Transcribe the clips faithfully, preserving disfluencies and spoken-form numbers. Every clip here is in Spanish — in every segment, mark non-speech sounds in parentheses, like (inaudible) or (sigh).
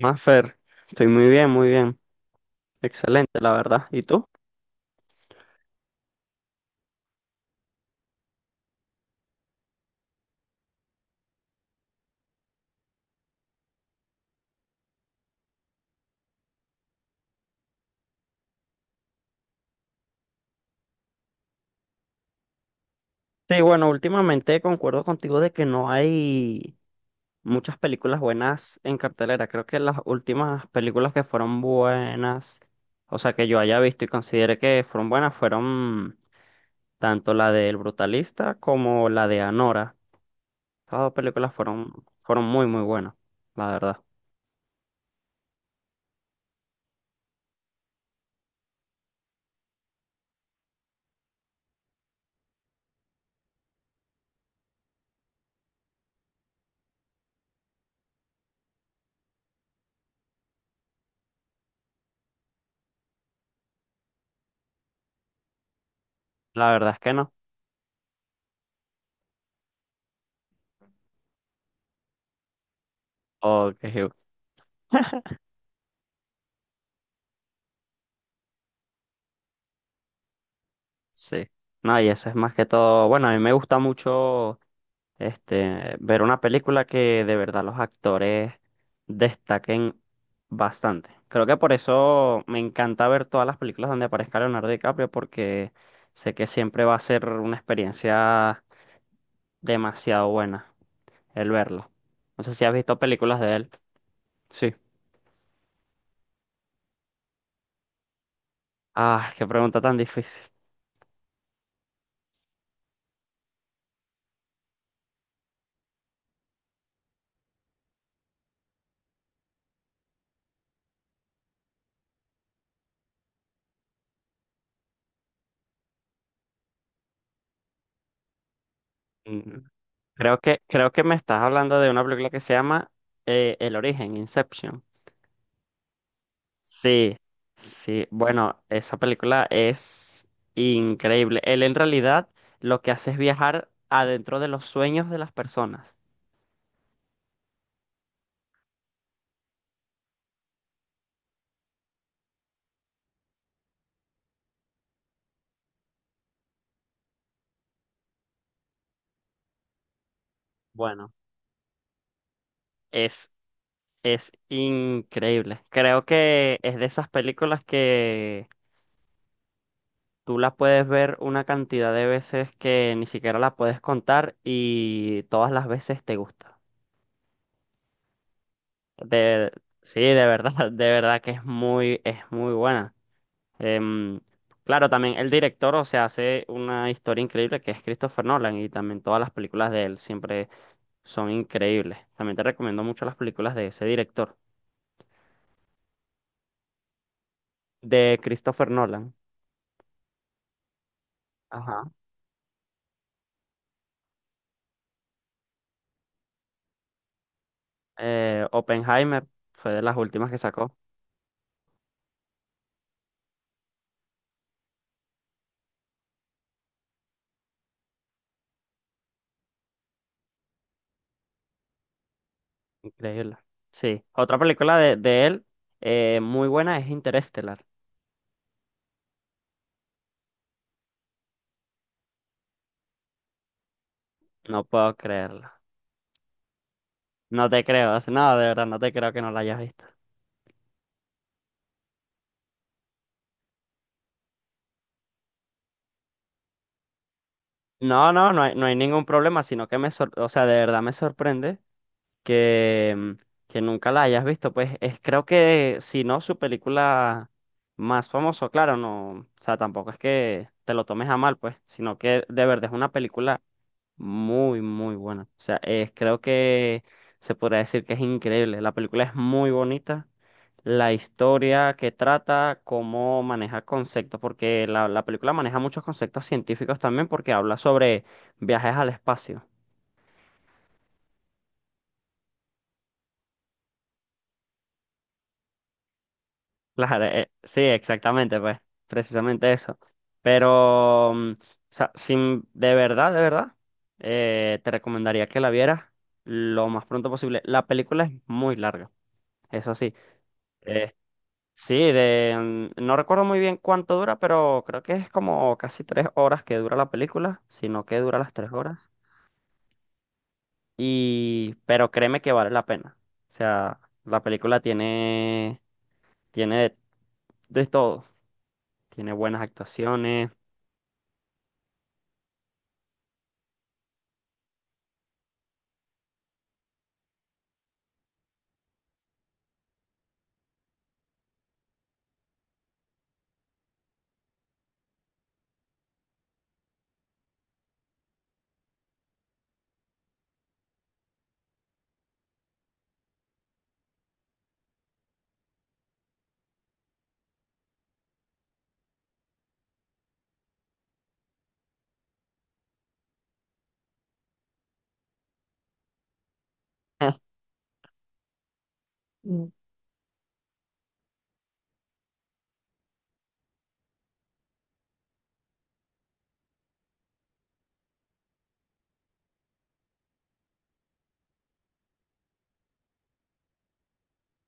Mafer, estoy muy bien, muy bien. Excelente, la verdad. ¿Y tú? Sí, bueno, últimamente concuerdo contigo de que no hay muchas películas buenas en cartelera. Creo que las últimas películas que fueron buenas, o sea, que yo haya visto y considere que fueron buenas, fueron tanto la de El Brutalista como la de Anora. Estas dos películas fueron, fueron muy, muy buenas, la verdad. La verdad es que no. Ok, sí. No, y eso es más que todo. Bueno, a mí me gusta mucho. Este, ver una película que de verdad los actores destaquen bastante. Creo que por eso me encanta ver todas las películas donde aparezca Leonardo DiCaprio, porque sé que siempre va a ser una experiencia demasiado buena el verlo. No sé si has visto películas de él. Sí. Ah, qué pregunta tan difícil. Mm, Creo que, creo que me estás hablando de una película que se llama eh, El Origen, Inception. Sí, sí. Bueno, esa película es increíble. Él en realidad lo que hace es viajar adentro de los sueños de las personas. Bueno, es, es increíble. Creo que es de esas películas que tú la puedes ver una cantidad de veces que ni siquiera la puedes contar y todas las veces te gusta. De, sí, de verdad, (laughs) de verdad que es muy, es muy buena. Em, claro, también el director, o sea, hace una historia increíble que es Christopher Nolan y también todas las películas de él siempre son increíbles. También te recomiendo mucho las películas de ese director, de Christopher Nolan. Ajá. Eh, Oppenheimer fue de las últimas que sacó. Increíble. Sí, otra película de, de él eh, muy buena es Interestelar. No puedo creerlo. No te creo, es- no, de verdad, no te creo que no la hayas visto. No, no, no hay, no hay ningún problema, sino que me, sor- o sea, de verdad me sorprende que, que nunca la hayas visto. Pues es, creo que si no, su película más famosa, claro, no, o sea, tampoco es que te lo tomes a mal, pues, sino que de verdad es una película muy, muy buena. O sea, es, creo que se podría decir que es increíble. La película es muy bonita. La historia que trata, cómo maneja conceptos, porque la, la película maneja muchos conceptos científicos también, porque habla sobre viajes al espacio. Claro, eh, sí, exactamente, pues, precisamente eso. Pero, mm, o sea, sin, de verdad, de verdad, eh, te recomendaría que la vieras lo más pronto posible. La película es muy larga, eso sí. Eh, sí, de, mm, no recuerdo muy bien cuánto dura, pero creo que es como casi tres horas que dura la película, sino que dura las tres horas. Y, pero créeme que vale la pena. O sea, la película tiene, tiene de de todo. Tiene buenas actuaciones. Mm.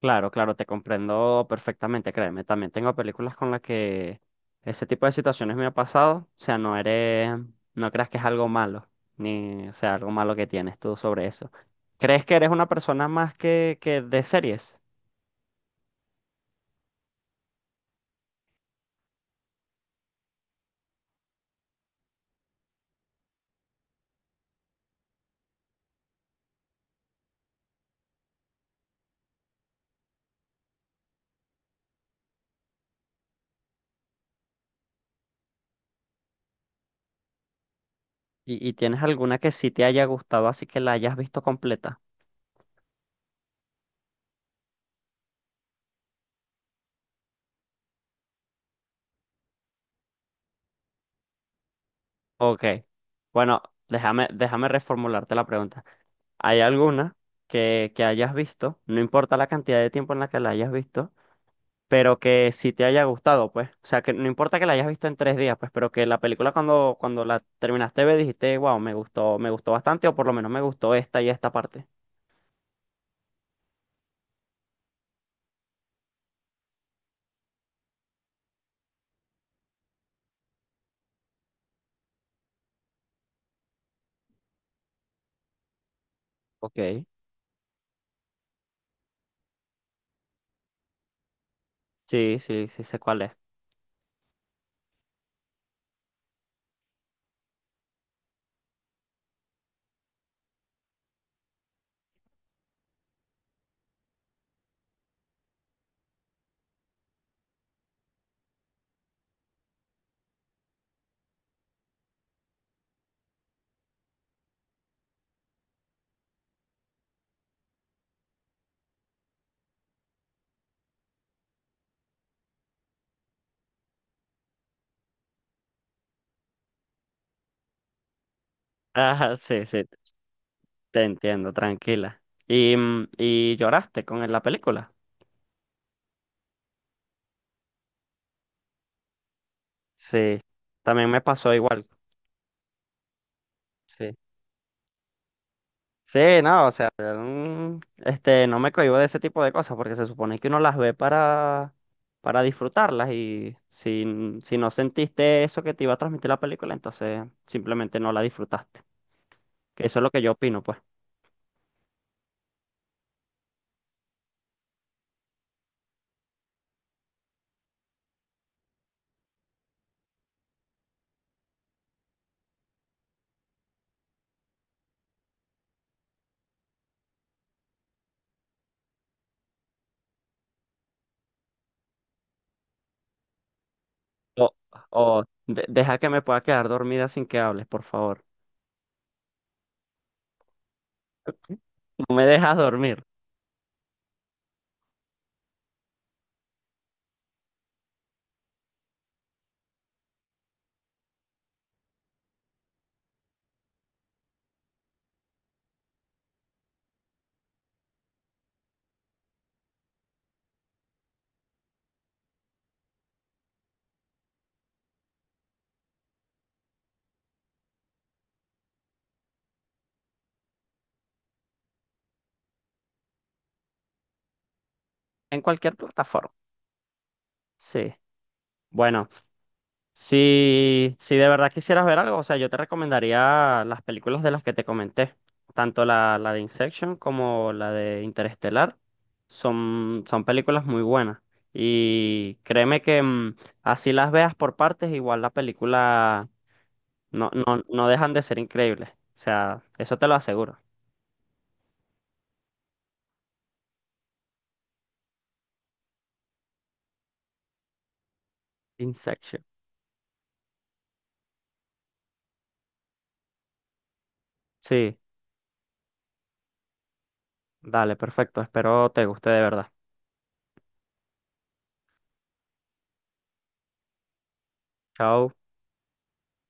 Claro, claro, te comprendo perfectamente, créeme. También tengo películas con las que ese tipo de situaciones me ha pasado. O sea, no eres, no creas que es algo malo, ni, o sea, algo malo que tienes tú sobre eso. ¿Crees que eres una persona más que, que de series? ¿Y, y tienes alguna que sí te haya gustado, así que la hayas visto completa? Ok. Bueno, déjame, déjame reformularte la pregunta. ¿Hay alguna que, que hayas visto? No importa la cantidad de tiempo en la que la hayas visto pero que si te haya gustado, pues. O sea, que no importa que la hayas visto en tres días, pues, pero que la película cuando, cuando la terminaste de ver dijiste, wow, me gustó, me gustó bastante, o por lo menos me gustó esta y esta parte. Ok, sí, sí, sí sé cuál es. Ajá, sí, sí, te entiendo, tranquila. Y, mm, y lloraste con la película. Sí, también me pasó igual. Sí. Sí, no, o sea, mm, este, no me cohíbo de ese tipo de cosas porque se supone que uno las ve para, para disfrutarlas y si, n- si no sentiste eso que te iba a transmitir la película, entonces simplemente no la disfrutaste. Que eso es lo que yo opino, pues. O, o de- deja que me pueda quedar dormida sin que hables, por favor. (laughs) No me dejas dormir. En cualquier plataforma. Sí. Bueno. Si, si de verdad quisieras ver algo, o sea, yo te recomendaría las películas de las que te comenté, tanto la, la de Inception como la de Interestelar, son, son películas muy buenas. Y créeme que mm, así las veas por partes, igual la película no, no, no dejan de ser increíbles. O sea, eso te lo aseguro. Inception. Sí, dale, perfecto. Espero te guste de verdad. Chao.